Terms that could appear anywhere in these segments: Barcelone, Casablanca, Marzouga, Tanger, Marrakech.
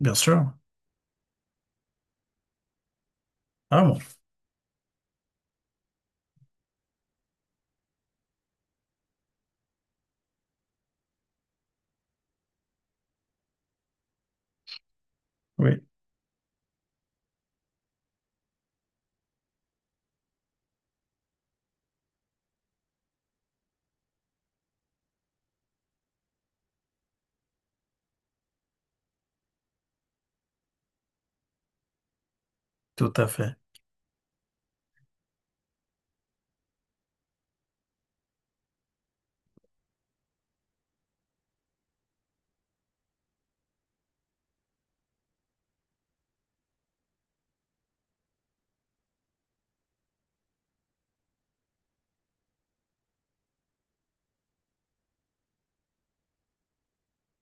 Bien sûr. Ah bon, oui, tout à fait.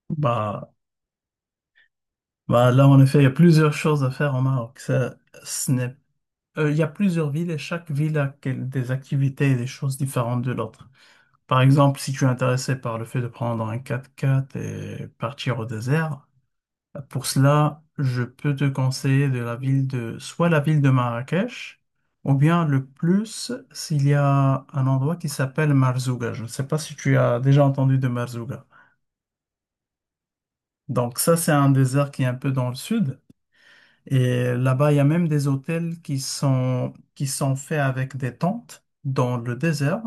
Bah, bah là, en effet, il y a plusieurs choses à faire au Maroc. Ça, ce n'est- Il y a plusieurs villes et chaque ville a des activités et des choses différentes de l'autre. Par exemple, si tu es intéressé par le fait de prendre un quatre-quatre et partir au désert, bah, pour cela, je peux te conseiller de la ville de, soit la ville de Marrakech, ou bien le plus, s'il y a un endroit qui s'appelle Marzouga. Je ne sais pas si tu as déjà entendu de Marzouga. Donc ça, c'est un désert qui est un peu dans le sud. Et là-bas, il y a même des hôtels qui sont faits avec des tentes dans le désert.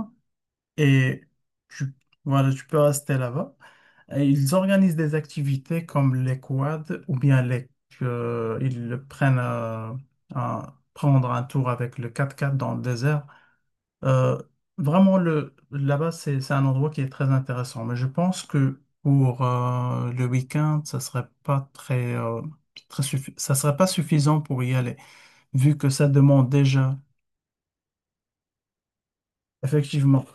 Et tu, voilà, tu peux rester là-bas. Et ils organisent des activités comme les quads ou bien les, ils prennent prendre un tour avec le 4x4 dans le désert. Euh, vraiment, le, là-bas, c'est un endroit qui est très intéressant. Mais je pense que pour le week-end, ça serait pas très, ça serait pas suffisant pour y aller, vu que ça demande déjà, effectivement,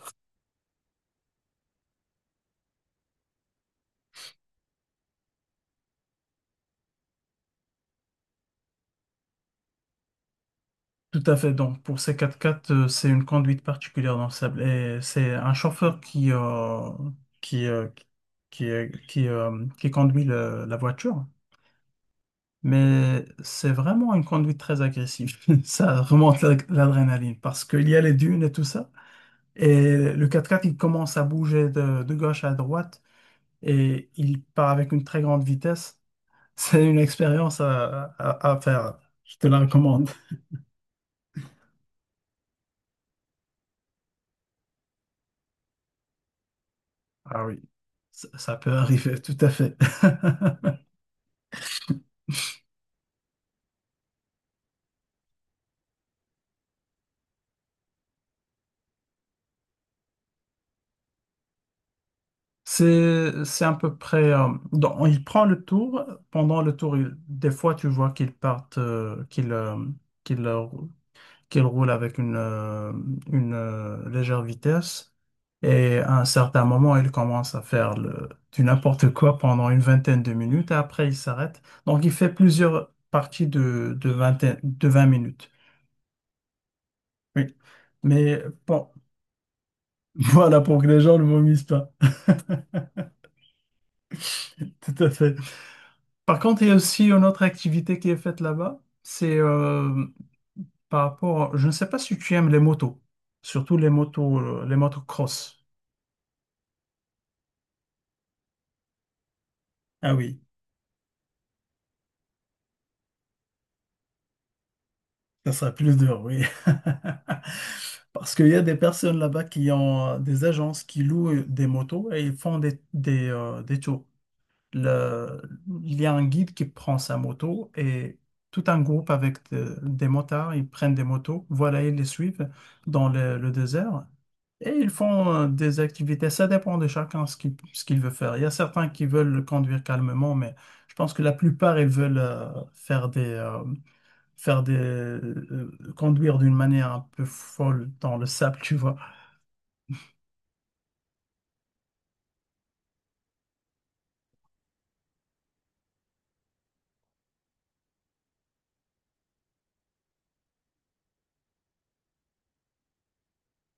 tout à fait. Donc, pour ces quatre quatre c'est une conduite particulière dans le sable. Et c'est un chauffeur qui, qui, euh, qui, qui, qui conduit la voiture. Mais c'est vraiment une conduite très agressive. Ça remonte l'adrénaline parce qu'il y a les dunes et tout ça. Et le quatre quatre il commence à bouger de gauche à droite et il part avec une très grande vitesse. C'est une expérience à, à faire. Je te la recommande. Ah oui, ça peut arriver, tout à fait. C'est à peu près. Donc, il prend le tour. Pendant le tour, des fois, tu vois qu'il partent, qu'il, euh, qu'il roule avec une, légère vitesse. Et à un certain moment, il commence à faire du n'importe quoi pendant une vingtaine de minutes. Et après, il s'arrête. Donc, il fait plusieurs parties de, de 20 minutes. Oui. Mais bon, voilà, pour que les gens ne vomissent pas. Tout à fait. Par contre, il y a aussi une autre activité qui est faite là-bas. C'est par rapport, je ne sais pas si tu aimes les motos, surtout les motos cross. Ah oui. Ça sera plus dur, oui. Parce qu'il y a des personnes là-bas qui ont des agences qui louent des motos et ils font des, des tours. Le- il y a un guide qui prend sa moto et tout un groupe avec des motards, ils prennent des motos, voilà, ils les suivent dans le désert et ils font des activités. Ça dépend de chacun ce qu'il veut faire. Il y a certains qui veulent conduire calmement, mais je pense que la plupart, ils veulent faire des, euh, faire des conduire d'une manière un peu folle dans le sable, tu vois.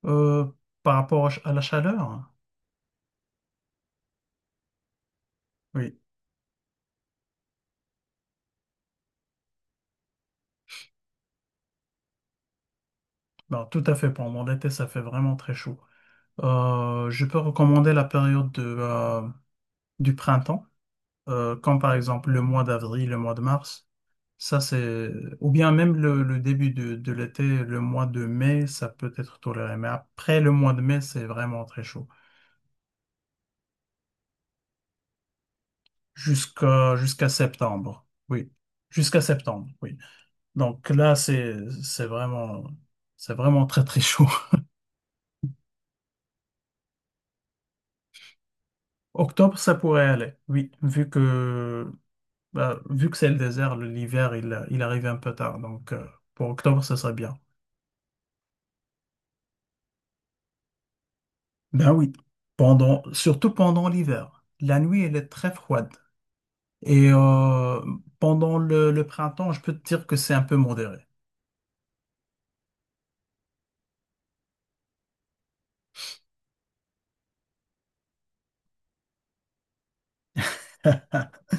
Euh, par rapport à la chaleur, oui, ben tout à fait. Pendant l'été, ça fait vraiment très chaud. Je peux recommander la période de, du printemps, comme par exemple le mois d'avril, le mois de mars. Ça, c'est... Ou bien même le début de l'été, le mois de mai, ça peut être toléré. Mais après le mois de mai, c'est vraiment très chaud. Jusqu'à septembre. Oui. Jusqu'à septembre, oui. Donc là, c'est vraiment c'est vraiment très très chaud. Octobre, ça pourrait aller. Oui, vu que bah, vu que c'est le désert, l'hiver, il arrive un peu tard. Donc pour octobre, ça serait bien. Ben oui. Pendant, surtout pendant l'hiver. La nuit, elle est très froide. Et pendant le printemps, je peux te dire que c'est un peu modéré.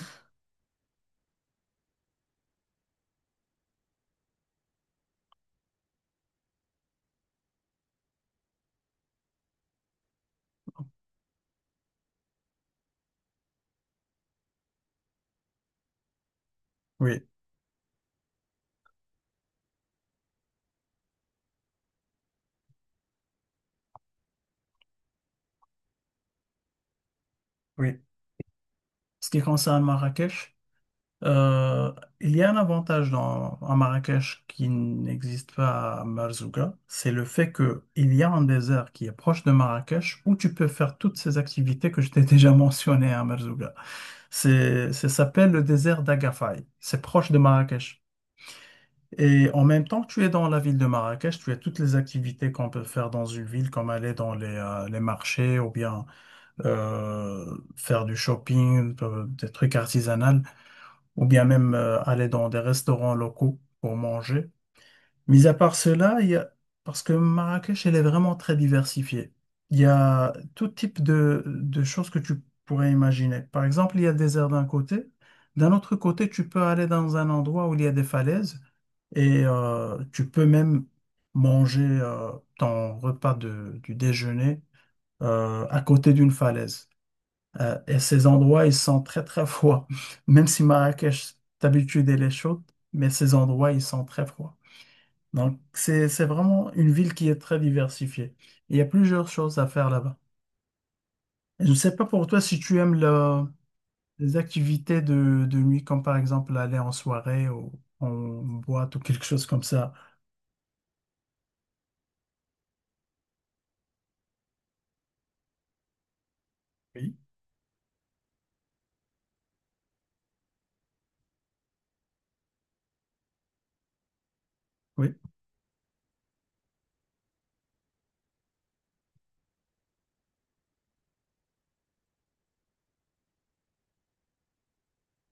Oui, oui. Ce qui concerne Marrakech, euh, il y a un avantage dans, à Marrakech qui n'existe pas à Marzouga, c'est le fait que il y a un désert qui est proche de Marrakech où tu peux faire toutes ces activités que je t'ai déjà mentionnées à Marzouga. C'est, ça s'appelle le désert d'Agafay. C'est proche de Marrakech. Et en même temps que tu es dans la ville de Marrakech, tu as toutes les activités qu'on peut faire dans une ville, comme aller dans les marchés ou bien faire du shopping, des trucs artisanaux, ou bien même aller dans des restaurants locaux pour manger. Mis à part cela, il y a... Parce que Marrakech, elle est vraiment très diversifiée. Il y a tout type de choses que tu pourrais imaginer. Par exemple, il y a des airs d'un côté. D'un autre côté, tu peux aller dans un endroit où il y a des falaises et tu peux même manger ton repas du déjeuner à côté d'une falaise. Et ces endroits, ils sont très très froids. Même si Marrakech, d'habitude, elle est chaude, mais ces endroits, ils sont très froids. Donc, c'est vraiment une ville qui est très diversifiée. Il y a plusieurs choses à faire là-bas. Et je ne sais pas pour toi si tu aimes les activités de nuit, comme par exemple aller en soirée ou en boîte ou quelque chose comme ça. Oui, oui.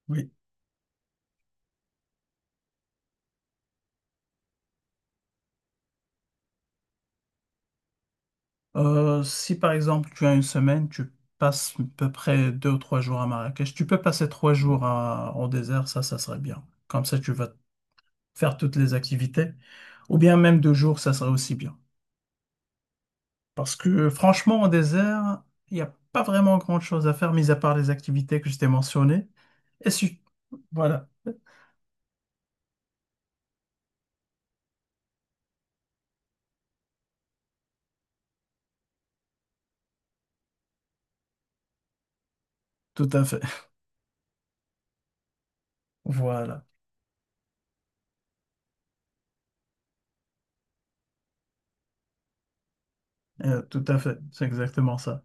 Oui. Si par exemple tu as une semaine, tu passes à peu près deux ou trois jours à Marrakech, tu peux passer trois jours au désert, ça serait bien. Comme ça, tu vas faire toutes les activités. Ou bien même deux jours, ça serait aussi bien. Parce que franchement, au désert, il n'y a pas vraiment grand-chose à faire, mis à part les activités que je t'ai mentionnées. Et si... Voilà, tout à fait. Voilà, euh, tout à fait, c'est exactement ça.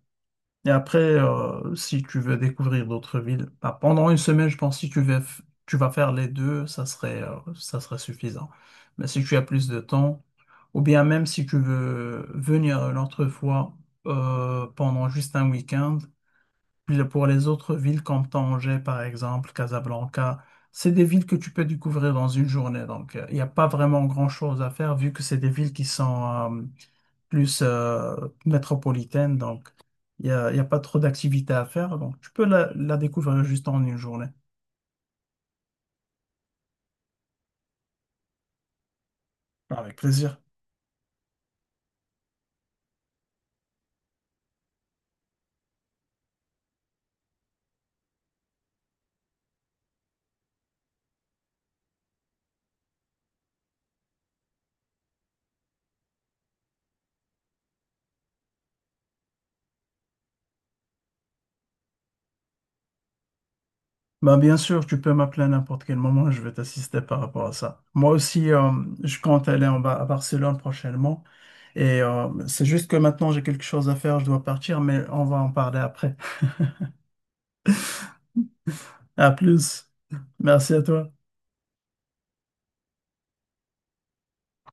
Et après, si tu veux découvrir d'autres villes, bah, pendant une semaine, je pense, que si tu vas, tu vas faire les deux, ça serait suffisant. Mais si tu as plus de temps, ou bien même si tu veux venir une autre fois pendant juste un week-end, puis pour les autres villes comme Tanger, par exemple, Casablanca, c'est des villes que tu peux découvrir dans une journée. Donc, il n'y a pas vraiment grand-chose à faire vu que c'est des villes qui sont, euh, plus métropolitaine, donc il n'y a, il y a pas trop d'activités à faire. Donc tu peux la, la découvrir juste en une journée. Avec plaisir. Bah, bien sûr, tu peux m'appeler à n'importe quel moment, je vais t'assister par rapport à ça. Moi aussi, je compte aller en bas à Barcelone prochainement. Et c'est juste que maintenant j'ai quelque chose à faire, je dois partir, mais on va en parler après. À plus. Merci à toi.